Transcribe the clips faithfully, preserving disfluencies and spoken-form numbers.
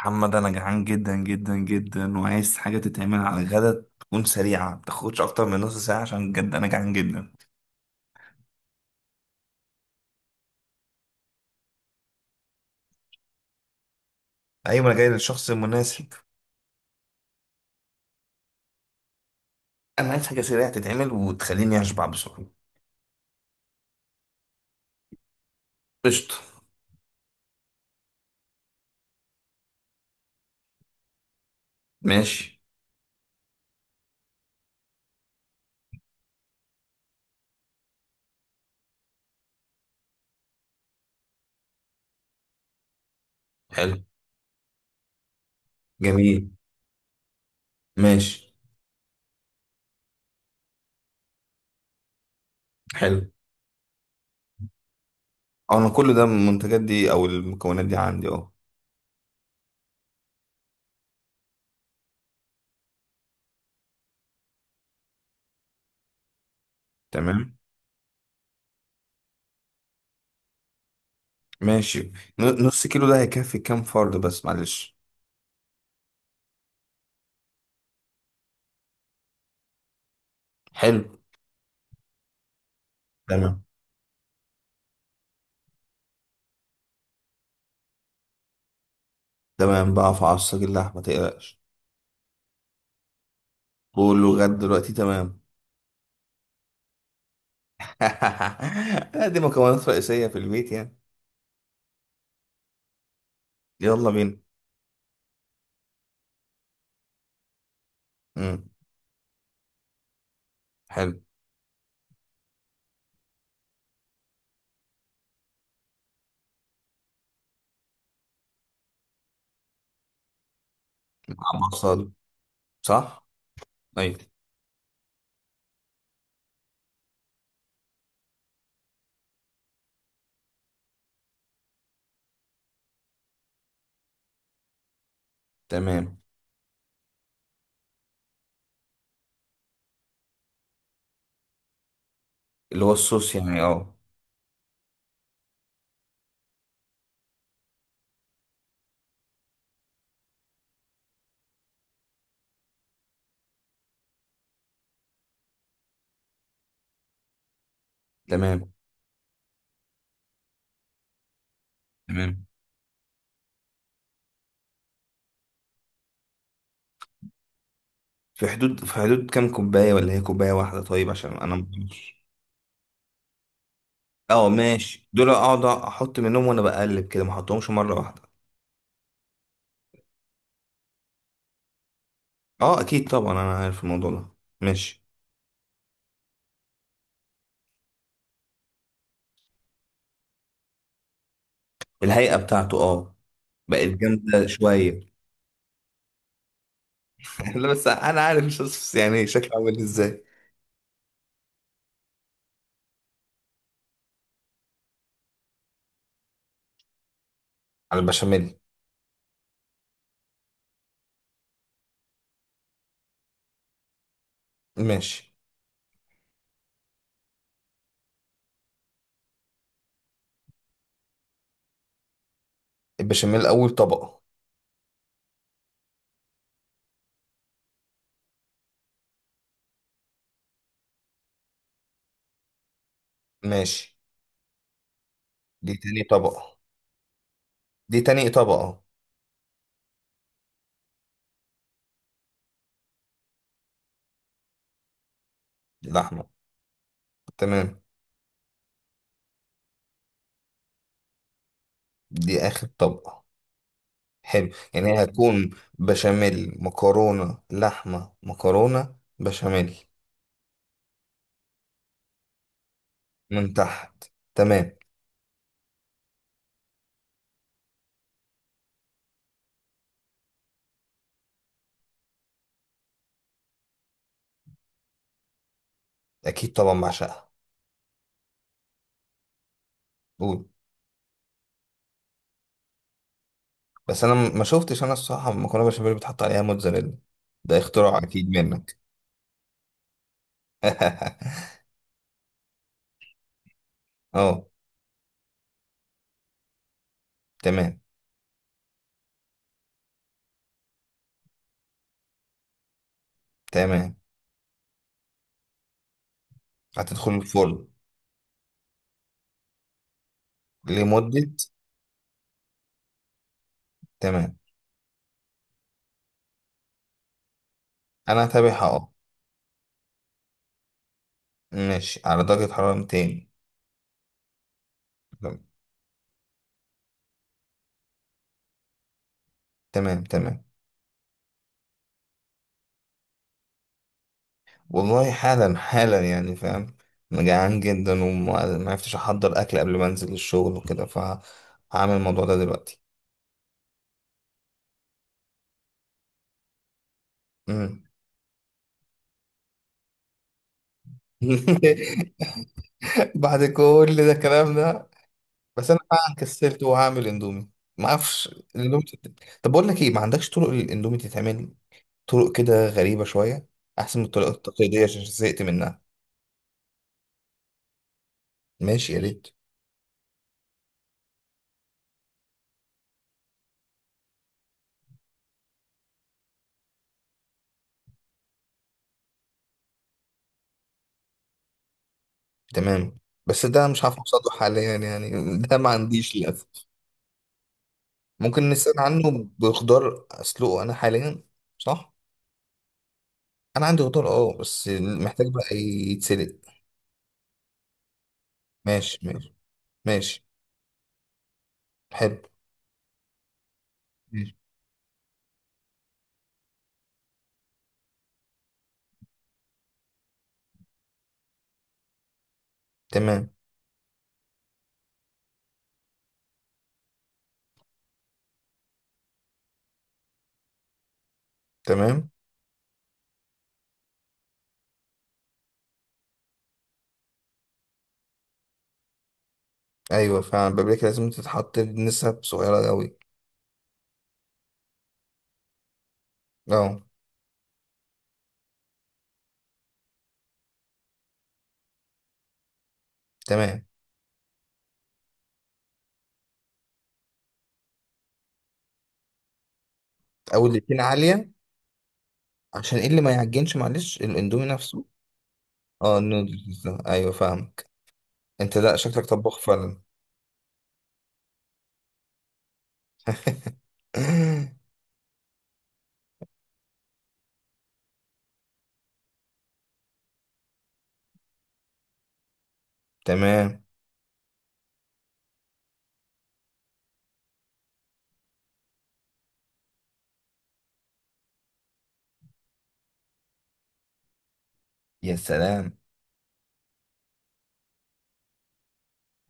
محمد، انا جعان جدا جدا جدا وعايز حاجه تتعمل على الغدا تكون سريعه، ما تاخدش اكتر من نص ساعه عشان بجد انا جعان جدا. ايوه، انا جاي للشخص المناسب. انا عايز حاجه سريعه تتعمل وتخليني اشبع بسرعه. قشطه. ماشي. حلو. جميل. ماشي. حلو. أه، انا كل ده من المنتجات دي او المكونات دي عندي اهو. تمام. ماشي. ن- نص كيلو ده هيكفي كام فرد بس معلش؟ حلو. تمام. تمام بقى، في عصاك اللحمه ما تقلقش. كله غدا دلوقتي، تمام. لا، دي مكونات رئيسية في البيت يعني. يلا بينا. امم. حلو. مع بصل، صح. ايوه. تمام. اللي هو الصوص يعني، اه. تمام. تمام. في حدود، في حدود كام كوباية، ولا هي كوباية واحدة؟ طيب، عشان انا مش، اه، ماشي. دول اقعد احط منهم وانا بقلب كده، ما احطهمش مرة واحدة. اه، اكيد طبعا، انا عارف الموضوع ده. ماشي. الهيئة بتاعته، اه، بقت جامدة شوية. لا، بس انا عارف الصوص يعني شكله عامل ازاي. على البشاميل. ماشي. البشاميل أول طبقة. ماشي. دي تاني طبقة. دي تاني طبقة. لحمة. تمام. دي آخر طبقة. حلو، يعني هي هتكون بشاميل، مكرونة، لحمة، مكرونة، بشاميل. من تحت. تمام. أكيد طبعا، بعشقها. قول. بس أنا م- ما شفتش، أنا الصراحة مكرونة بشاميل بتحط عليها موتزاريلا؟ ده اختراع أكيد منك. اه. تمام. تمام. هتدخل الفرن. لمدة؟ تمام. أنا هتابعها، اه. ماشي، على درجة حرارة مئتين. تمام. تمام. والله حالا حالا، يعني فاهم. أنا جعان جدا وما عرفتش أحضر أكل قبل ما أنزل الشغل وكده، فهعمل الموضوع ده دلوقتي. مم. بعد كل ده الكلام ده؟ بس أنا فعلا كسلت وهعمل اندومي. ما أعرفش الاندومي تت- طب بقول لك إيه، ما عندكش طرق للاندومي تتعمل طرق كده غريبة شوية، أحسن من الطرق التقليدية عشان زهقت منها. ماشي، يا ريت. تمام، بس ده مش عارف اوصله حاليا يعني. ده ما عنديش للاسف. ممكن نستغنى عنه بخضار اسلقه انا حاليا. صح. انا عندي خضار، اه، بس محتاج بقى يتسلق. ماشي ماشي. ماشي. حلو. ماشي. تمام. تمام. ايوه، فعلا بابريكا لازم تتحط بنسب صغيره قوي. اه. تمام. او الاتنين عاليه. عشان ايه اللي ما يعجنش؟ معلش الاندومي نفسه. اه، النودلز ده. ايوه، فاهمك. انت لا، شكلك طباخ فعلا. تمام. يا سلام.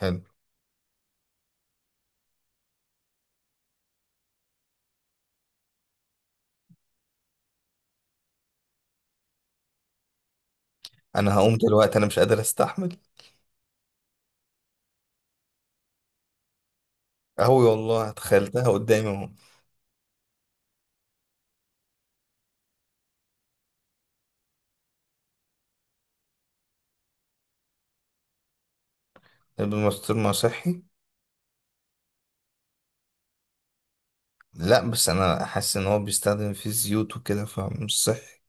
حلو. انا هقوم دلوقتي، انا مش قادر استحمل. قوي والله، تخيلتها قدامي اهو. الماستور ما صحي. لا، بس انا حاسس ان هو بيستخدم فيه زيوت وكده فمش صحي.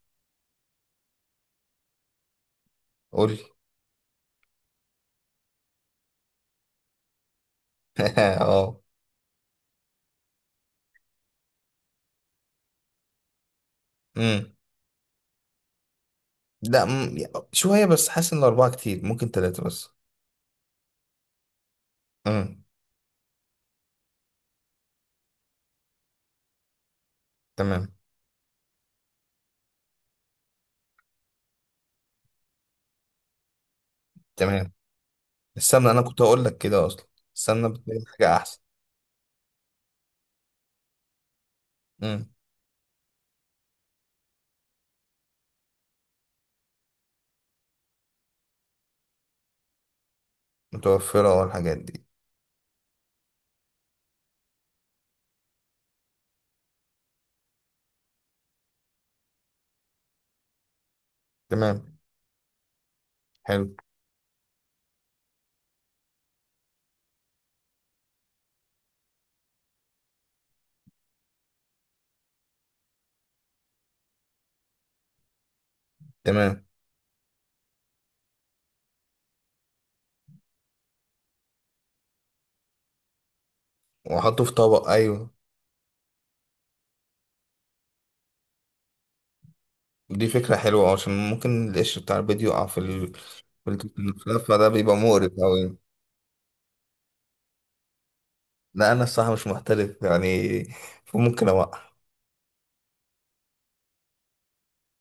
قولي. اه. امم. لا. مم. شويه بس، حاسس ان الاربعه كتير، ممكن ثلاثه بس. امم. تمام. تمام. السمنه انا كنت هقول لك كده اصلا. السمنه بتبقى حاجه احسن. امم. متوفره والحاجات دي. تمام. تمام. حلو. تمام. واحطه في طبق، ايوه. دي فكرة حلوة عشان ممكن القش بتاع البيض يقع في ال، في الخلاف، فده بيبقى مقرف أوي. لا، أنا الصراحة مش محترف يعني، فممكن أوقع.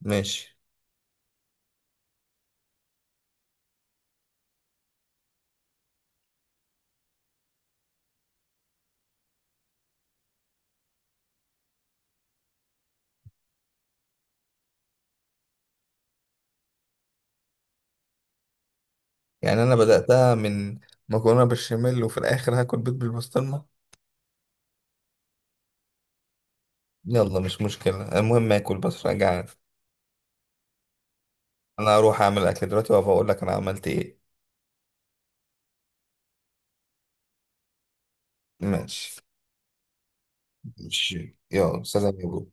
ماشي. يعني أنا بدأتها من مكرونة بالبشاميل وفي الآخر هاكل بيض بالبسطرمة. يلا، مش مشكلة، المهم آكل، بس أنا جعان. أنا هروح أعمل أكل دلوقتي وأبقى أقول لك أنا عملت إيه. ماشي. ماشي، يلا، سلام يا بابا.